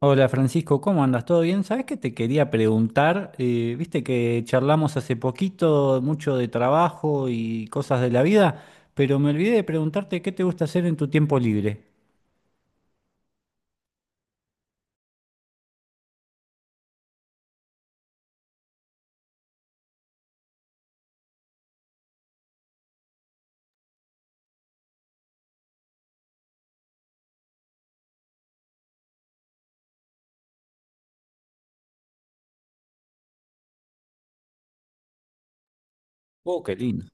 Hola Francisco, ¿cómo andas? ¿Todo bien? ¿Sabes que te quería preguntar? Viste que charlamos hace poquito mucho de trabajo y cosas de la vida, pero me olvidé de preguntarte qué te gusta hacer en tu tiempo libre. Oh, qué lindo.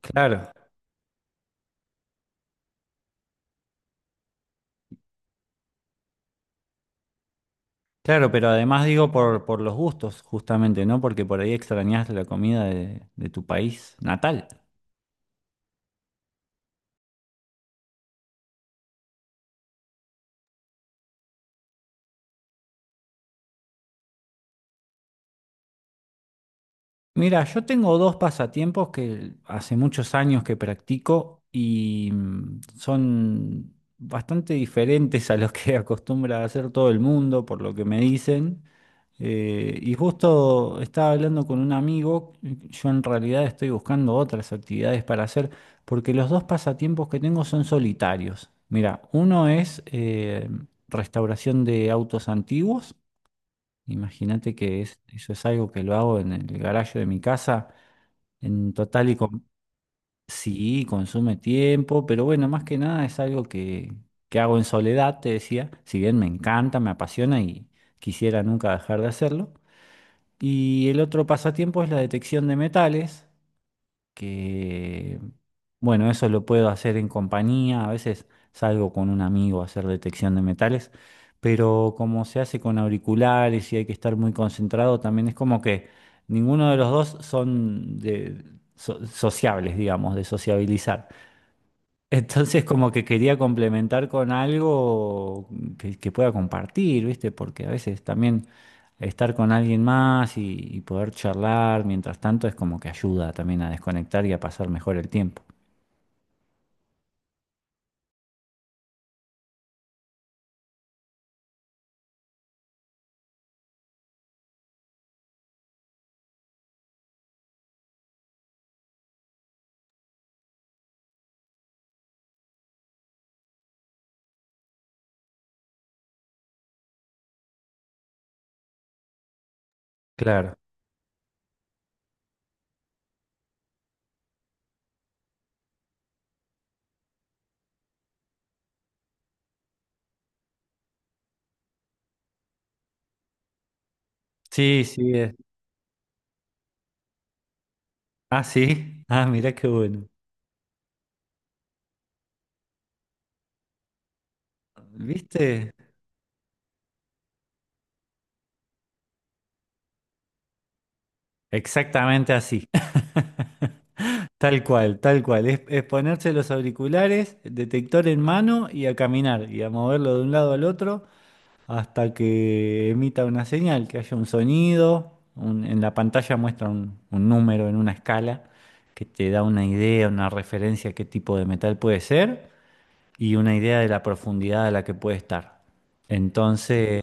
Claro, claro, pero además digo por los gustos, justamente, ¿no? Porque por ahí extrañás la comida de tu país natal. Mira, yo tengo dos pasatiempos que hace muchos años que practico y son bastante diferentes a los que acostumbra hacer todo el mundo, por lo que me dicen. Y justo estaba hablando con un amigo, yo en realidad estoy buscando otras actividades para hacer, porque los dos pasatiempos que tengo son solitarios. Mira, uno es restauración de autos antiguos. Imagínate que eso es algo que lo hago en el garaje de mi casa. En total y con, sí, consume tiempo, pero bueno, más que nada es algo que hago en soledad, te decía. Si bien me encanta, me apasiona y quisiera nunca dejar de hacerlo. Y el otro pasatiempo es la detección de metales que, bueno, eso lo puedo hacer en compañía, a veces salgo con un amigo a hacer detección de metales, pero como se hace con auriculares y hay que estar muy concentrado, también es como que ninguno de los dos son de sociables, digamos, de sociabilizar. Entonces como que quería complementar con algo que pueda compartir, ¿viste? Porque a veces también estar con alguien más y poder charlar mientras tanto es como que ayuda también a desconectar y a pasar mejor el tiempo. Claro. Sí, sí, es. Ah, sí. Ah, mirá qué bueno. ¿Viste? Exactamente así. Tal cual, tal cual. Es ponerse los auriculares, detector en mano y a caminar y a moverlo de un lado al otro hasta que emita una señal, que haya un sonido, en la pantalla muestra un número en una escala que te da una idea, una referencia a qué tipo de metal puede ser y una idea de la profundidad a la que puede estar. Entonces,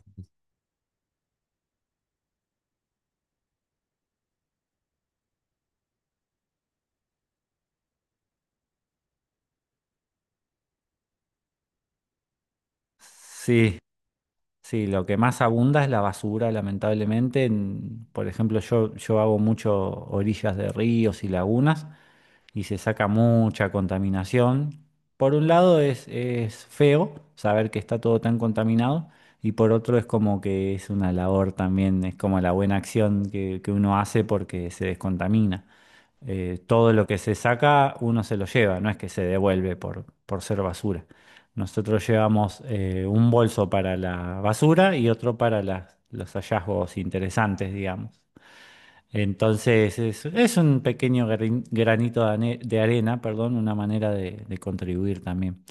sí, sí, lo que más abunda es la basura, lamentablemente. Por ejemplo, yo hago mucho orillas de ríos y lagunas, y se saca mucha contaminación. Por un lado es feo saber que está todo tan contaminado y por otro es como que es una labor también, es como la buena acción que uno hace porque se descontamina. Todo lo que se saca uno se lo lleva, no es que se devuelve por ser basura. Nosotros llevamos un bolso para la basura y otro para los hallazgos interesantes, digamos. Entonces es un pequeño granito de, de arena, perdón, una manera de contribuir también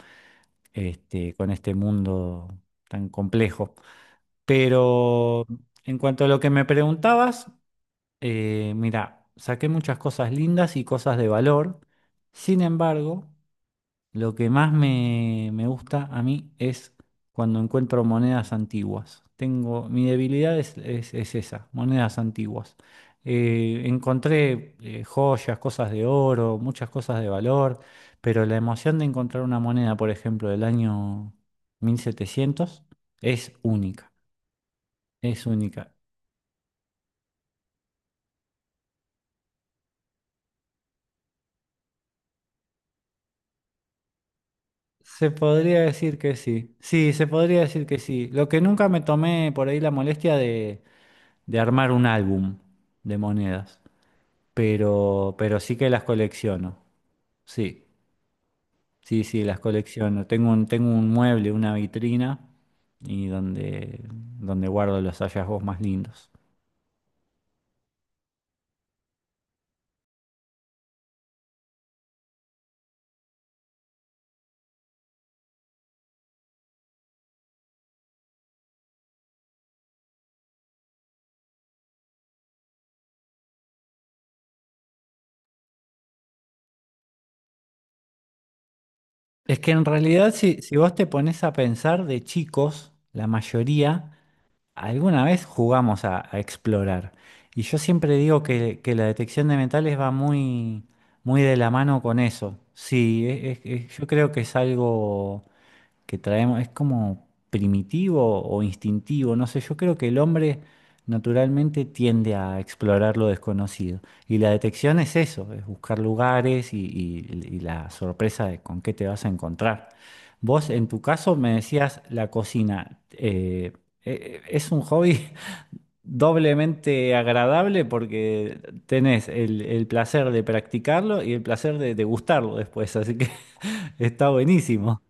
este, con este mundo tan complejo. Pero en cuanto a lo que me preguntabas, mira, saqué muchas cosas lindas y cosas de valor. Sin embargo, lo que más me gusta a mí es cuando encuentro monedas antiguas. Tengo, mi debilidad es, es esa, monedas antiguas. Encontré joyas, cosas de oro, muchas cosas de valor, pero la emoción de encontrar una moneda, por ejemplo, del año 1700, es única, es única. Se podría decir que sí, sí, se podría decir que sí. Lo que nunca me tomé por ahí la molestia de armar un álbum de monedas. Pero sí que las colecciono. Sí, sí, sí, las colecciono. Tengo un mueble, una vitrina, y donde, donde guardo los hallazgos más lindos. Es que en realidad, si, si vos te pones a pensar de chicos, la mayoría, alguna vez jugamos a explorar. Y yo siempre digo que la detección de metales va muy, muy de la mano con eso. Sí, yo creo que es algo que traemos, es como primitivo o instintivo, no sé, yo creo que el hombre naturalmente tiende a explorar lo desconocido. Y la detección es eso, es buscar lugares y la sorpresa de con qué te vas a encontrar. Vos en tu caso me decías la cocina, es un hobby doblemente agradable porque tenés el placer de practicarlo y el placer de degustarlo después, así que está buenísimo.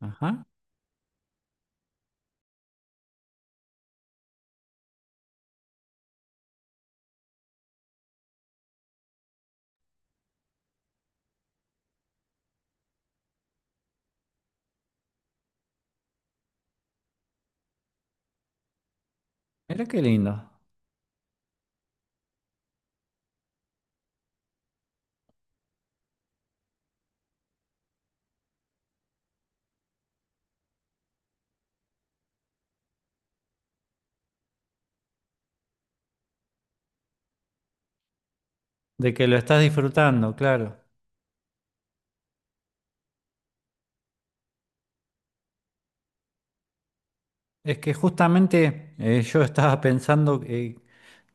Ajá. Mira qué lindo, de que lo estás disfrutando, claro. Es que justamente yo estaba pensando que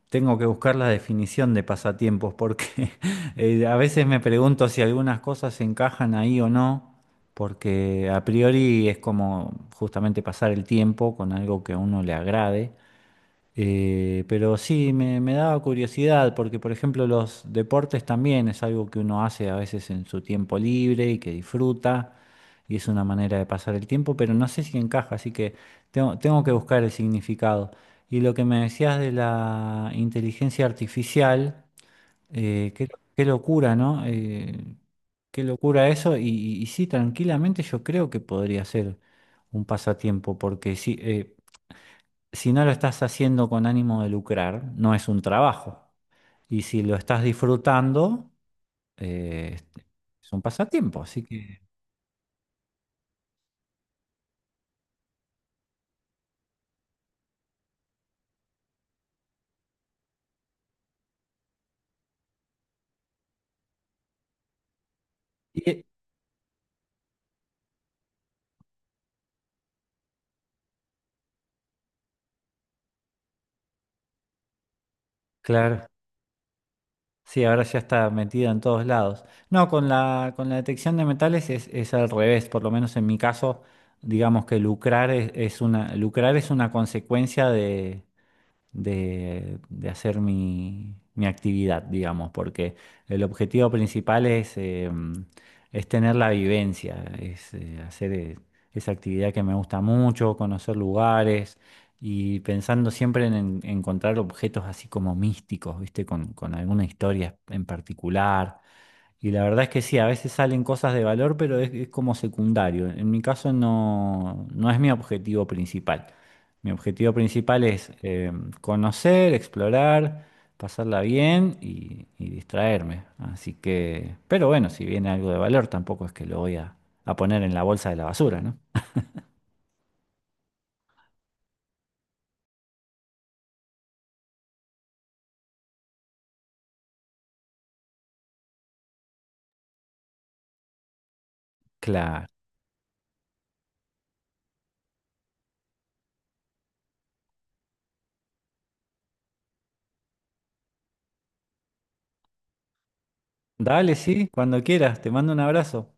tengo que buscar la definición de pasatiempos, porque a veces me pregunto si algunas cosas se encajan ahí o no, porque a priori es como justamente pasar el tiempo con algo que a uno le agrade. Pero sí, me daba curiosidad porque, por ejemplo, los deportes también es algo que uno hace a veces en su tiempo libre y que disfruta y es una manera de pasar el tiempo, pero no sé si encaja, así que tengo, tengo que buscar el significado. Y lo que me decías de la inteligencia artificial, qué, qué locura, ¿no? Qué locura eso y sí, tranquilamente yo creo que podría ser un pasatiempo porque sí. Si no lo estás haciendo con ánimo de lucrar, no es un trabajo. Y si lo estás disfrutando, eh, es un pasatiempo. Así que, y- claro, sí, ahora ya está metido en todos lados. No, con la detección de metales es al revés, por lo menos en mi caso, digamos que lucrar es una, lucrar es una consecuencia de hacer mi, mi actividad, digamos, porque el objetivo principal es tener la vivencia, es hacer esa actividad que me gusta mucho, conocer lugares y pensando siempre en encontrar objetos así como místicos, ¿viste? Con alguna historia en particular y la verdad es que sí, a veces salen cosas de valor, pero es como secundario. En mi caso no, no es mi objetivo principal. Mi objetivo principal es conocer, explorar, pasarla bien y distraerme. Así que, pero bueno, si viene algo de valor, tampoco es que lo voy a poner en la bolsa de la basura, ¿no? Claro. Dale, sí, cuando quieras. Te mando un abrazo.